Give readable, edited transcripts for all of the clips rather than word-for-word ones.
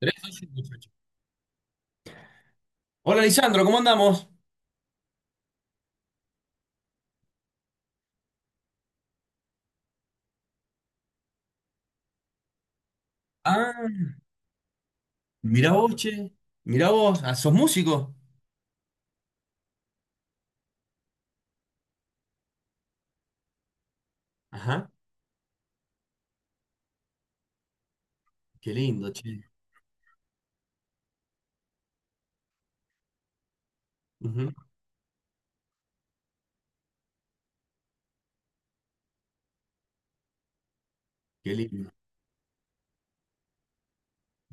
Tres, ocho, ocho. Hola, Lisandro, ¿cómo andamos? Ah, mirá vos, che. Mirá vos, ah, ¿sos músico? Ajá, qué lindo, che. Ujú. Qué lindo.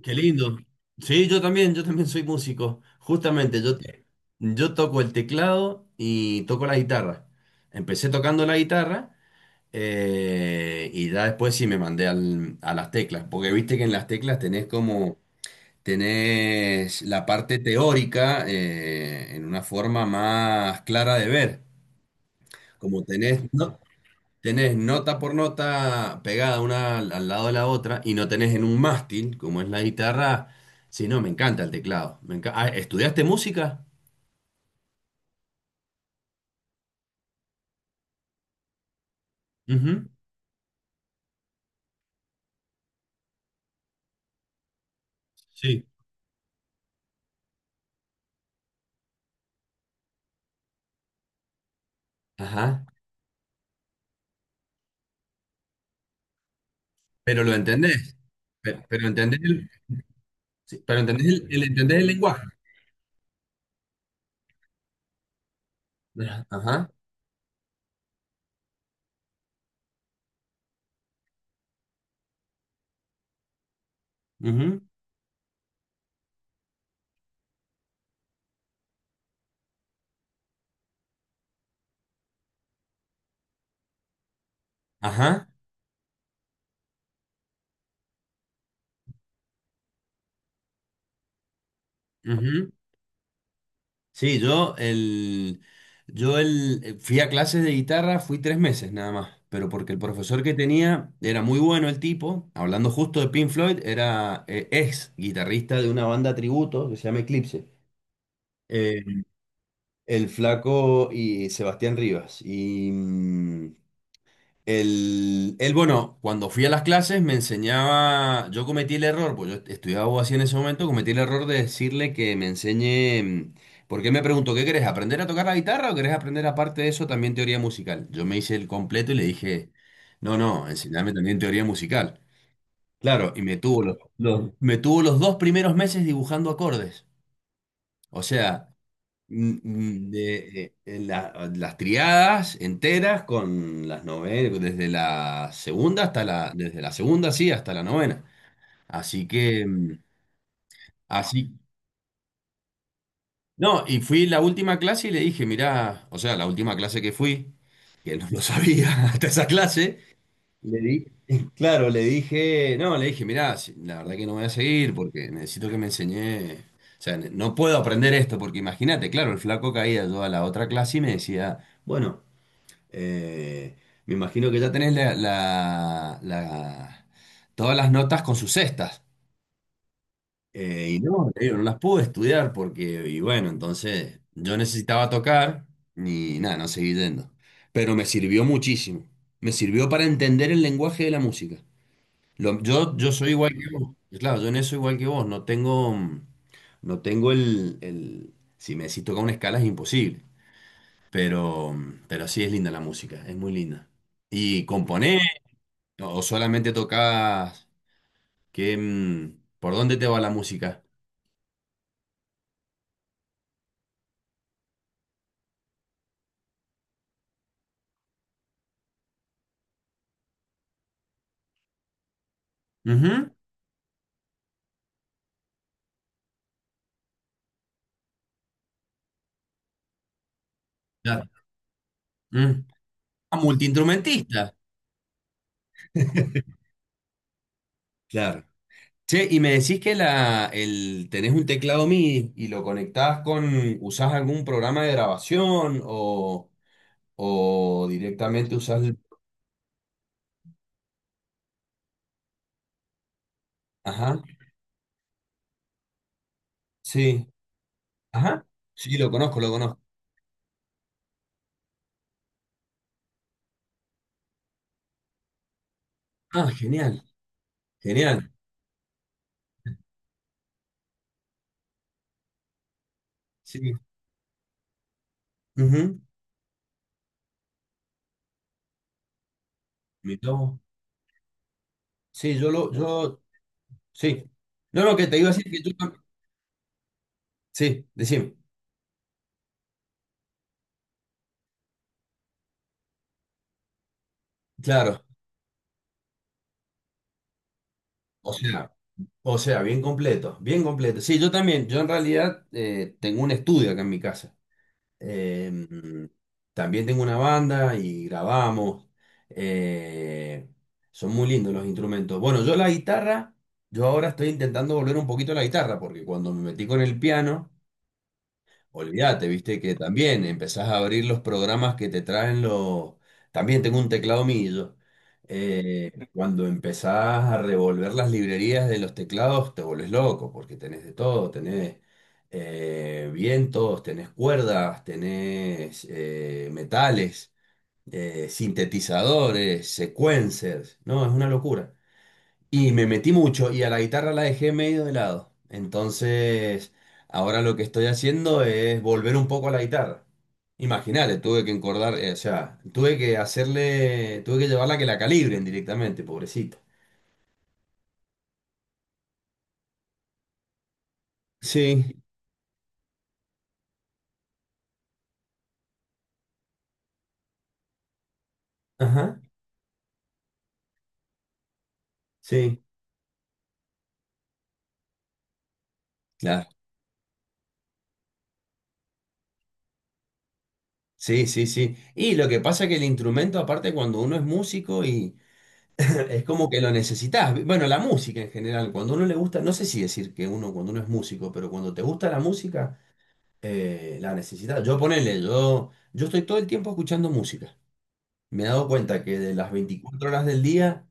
Qué lindo. Sí, yo también soy músico. Justamente, yo toco el teclado y toco la guitarra. Empecé tocando la guitarra, y ya después sí me mandé a las teclas, porque viste que en las teclas tenés como... Tenés la parte teórica, en una forma más clara de ver. Como tenés, no- Tenés nota por nota pegada una al lado de la otra, y no tenés en un mástil, como es la guitarra. Sí, no, me encanta el teclado. Ah, ¿estudiaste música? Ujú. Sí. Ajá. Pero lo entendés. Pero entendés el, sí, pero entendés el- entendés el lenguaje. Ajá. Ajá. Ujú. Ajá. Ujú. Sí, fui a clases de guitarra, fui 3 meses nada más, pero porque el profesor que tenía era muy bueno el tipo, hablando justo de Pink Floyd, era, ex guitarrista de una banda tributo que se llama Eclipse, eh, el Flaco y Sebastián Rivas. Y, él, bueno, cuando fui a las clases me enseñaba. Yo cometí el error, pues yo estudiaba abogacía en ese momento, cometí el error de decirle que me enseñe, porque él me preguntó: ¿qué querés? ¿Aprender a tocar la guitarra o querés aprender aparte de eso también teoría musical? Yo me hice el completo y le dije: no, no, enseñame también teoría musical. Claro, y me tuvo me tuvo los 2 primeros meses dibujando acordes. O sea, las triadas enteras con las novelas, desde la segunda hasta la, desde la segunda, sí, hasta la novena. Así que, así, no, y fui la última clase y le dije: mirá, o sea, la última clase que fui, que no lo sabía hasta esa clase, le di, claro, no, le dije, mirá, la verdad que no voy a seguir porque necesito que me enseñé. O sea, no puedo aprender esto porque imagínate, claro, el flaco caía yo a la otra clase y me decía: bueno, Eh, me imagino que ya tenés todas las notas con sus cestas. Y no, te digo, no las pude estudiar porque, y bueno, entonces yo necesitaba tocar y nada, no seguí yendo. Pero me sirvió muchísimo. Me sirvió para entender el lenguaje de la música. Yo soy igual que vos. Claro, yo en eso igual que vos. No tengo, mm, no tengo el- si me decís tocar una escala, es imposible. Pero, pero sí es linda la música, es muy linda. ¿Y componés o solamente tocas? ¿ Por dónde te va la música? Ujú. Claro. Mm. Ah, multiinstrumentista. Claro. Che, y me decís que tenés un teclado MIDI y lo conectás con. ¿Usás algún programa de grabación, o directamente usás Ajá, sí, ajá. Sí, lo conozco, lo conozco. Ah, genial, genial. Sí. Ujú. Mi tomo. Sí, sí. No, no, que te iba a decir que sí, decime, claro, o sea, o sea, bien completo, bien completo. Sí, yo también, yo en realidad, tengo un estudio acá en mi casa. Eh, También tengo una banda y grabamos. eh, Son muy lindos los instrumentos. Bueno, yo la guitarra, yo ahora estoy intentando volver un poquito a la guitarra, porque cuando me metí con el piano... Olvídate, viste que también empezás a abrir los programas que te traen los... También tengo un teclado millo. Eh, Cuando empezás a revolver las librerías de los teclados, te volvés loco, porque tenés de todo, tenés, vientos, tenés cuerdas, tenés, metales, sintetizadores, sequencers. No, es una locura. Y me metí mucho y a la guitarra la dejé medio de lado. Entonces, ahora lo que estoy haciendo es volver un poco a la guitarra. Imagínate, tuve que encordar, o sea, tuve que hacerle, tuve que llevarla a que la calibren directamente, pobrecita. Sí. Ajá, sí, claro. Sí, sí, sí. Y lo que pasa es que el instrumento, aparte, cuando uno es músico y es como que lo necesitas. Bueno, la música en general, cuando uno le gusta, no sé si decir que uno, cuando uno es músico, pero cuando te gusta la música, la necesidad. Yo, ponele, yo estoy todo el tiempo escuchando música. Me he dado cuenta que de las 24 horas del día,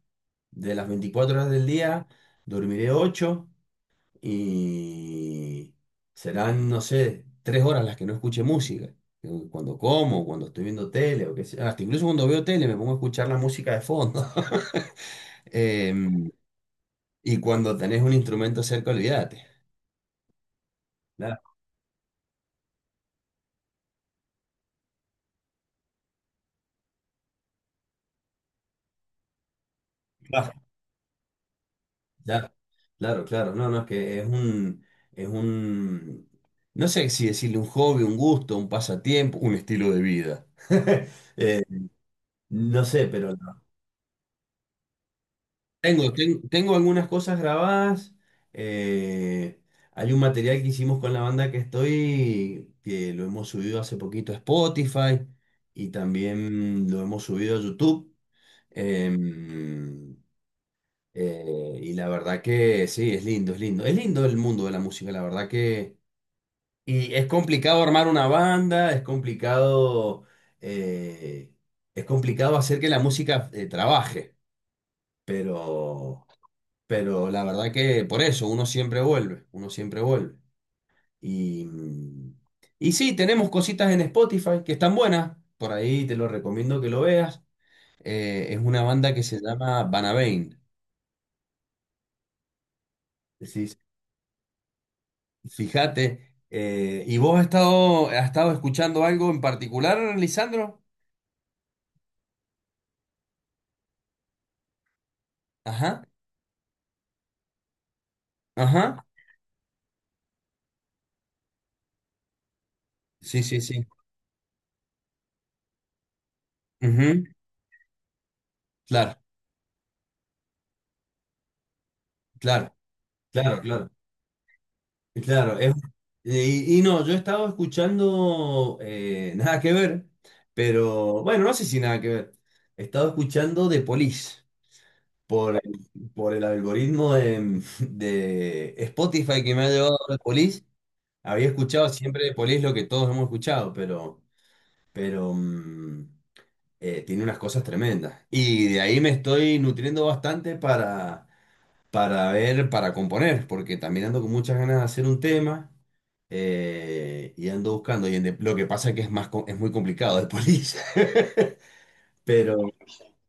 de las 24 horas del día, dormiré ocho, y serán, no sé, 3 horas las que no escuche música. Cuando como, cuando estoy viendo tele o qué sé, hasta incluso cuando veo tele me pongo a escuchar la música de fondo. Em, y cuando tenés un instrumento cerca, olvídate. Nada. Ya, claro, claro. No, no, es que es un, es un, no sé si decirle un hobby, un gusto, un pasatiempo, un estilo de vida. Eh, no sé, pero no. Tengo algunas cosas grabadas. eh, Hay un material que hicimos con la banda que estoy, que lo hemos subido hace poquito a Spotify, y también lo hemos subido a YouTube. Em, y la verdad que sí, es lindo, es lindo. Es lindo el mundo de la música, la verdad que... Y es complicado armar una banda, eh, es complicado hacer que la música, trabaje, pero, pero la verdad que por eso uno siempre vuelve, uno siempre vuelve. Y, mm, y sí, tenemos cositas en Spotify que están buenas, por ahí te lo recomiendo que lo veas. Es una banda que se llama Banabane. Fíjate, ¿y vos has estado escuchando algo en particular, Lisandro? Ajá, ajá, sí, sí, sí. Ujú. Claro, claro, claro, claro, claro. Y no, yo he estado escuchando, nada que ver, pero bueno, no sé si nada que ver. He estado escuchando The Police, por, por el algoritmo de Spotify, que me ha llevado The Police. Había escuchado siempre The Police, lo que todos hemos escuchado, pero... Pero, tiene unas cosas tremendas. Y de ahí me estoy nutriendo bastante para ver, para componer, porque también ando con muchas ganas de hacer un tema, y ando buscando. Lo que pasa es que es muy complicado de polir, pero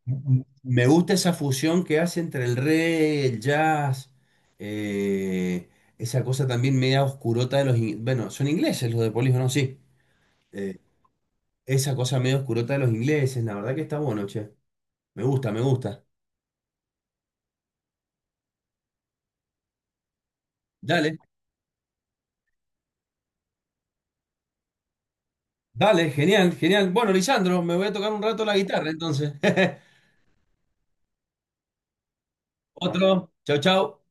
me gusta esa fusión que hace entre el reggae, el jazz, eh, esa cosa también media oscurota de los... Bueno, son ingleses los de Police, ¿no? Sí. Eh, Esa cosa medio oscurota de los ingleses, la verdad que está bueno, che. Me gusta, me gusta. Dale, dale, genial, genial. Bueno, Lisandro, me voy a tocar un rato la guitarra, entonces. Otro. Chau, chau.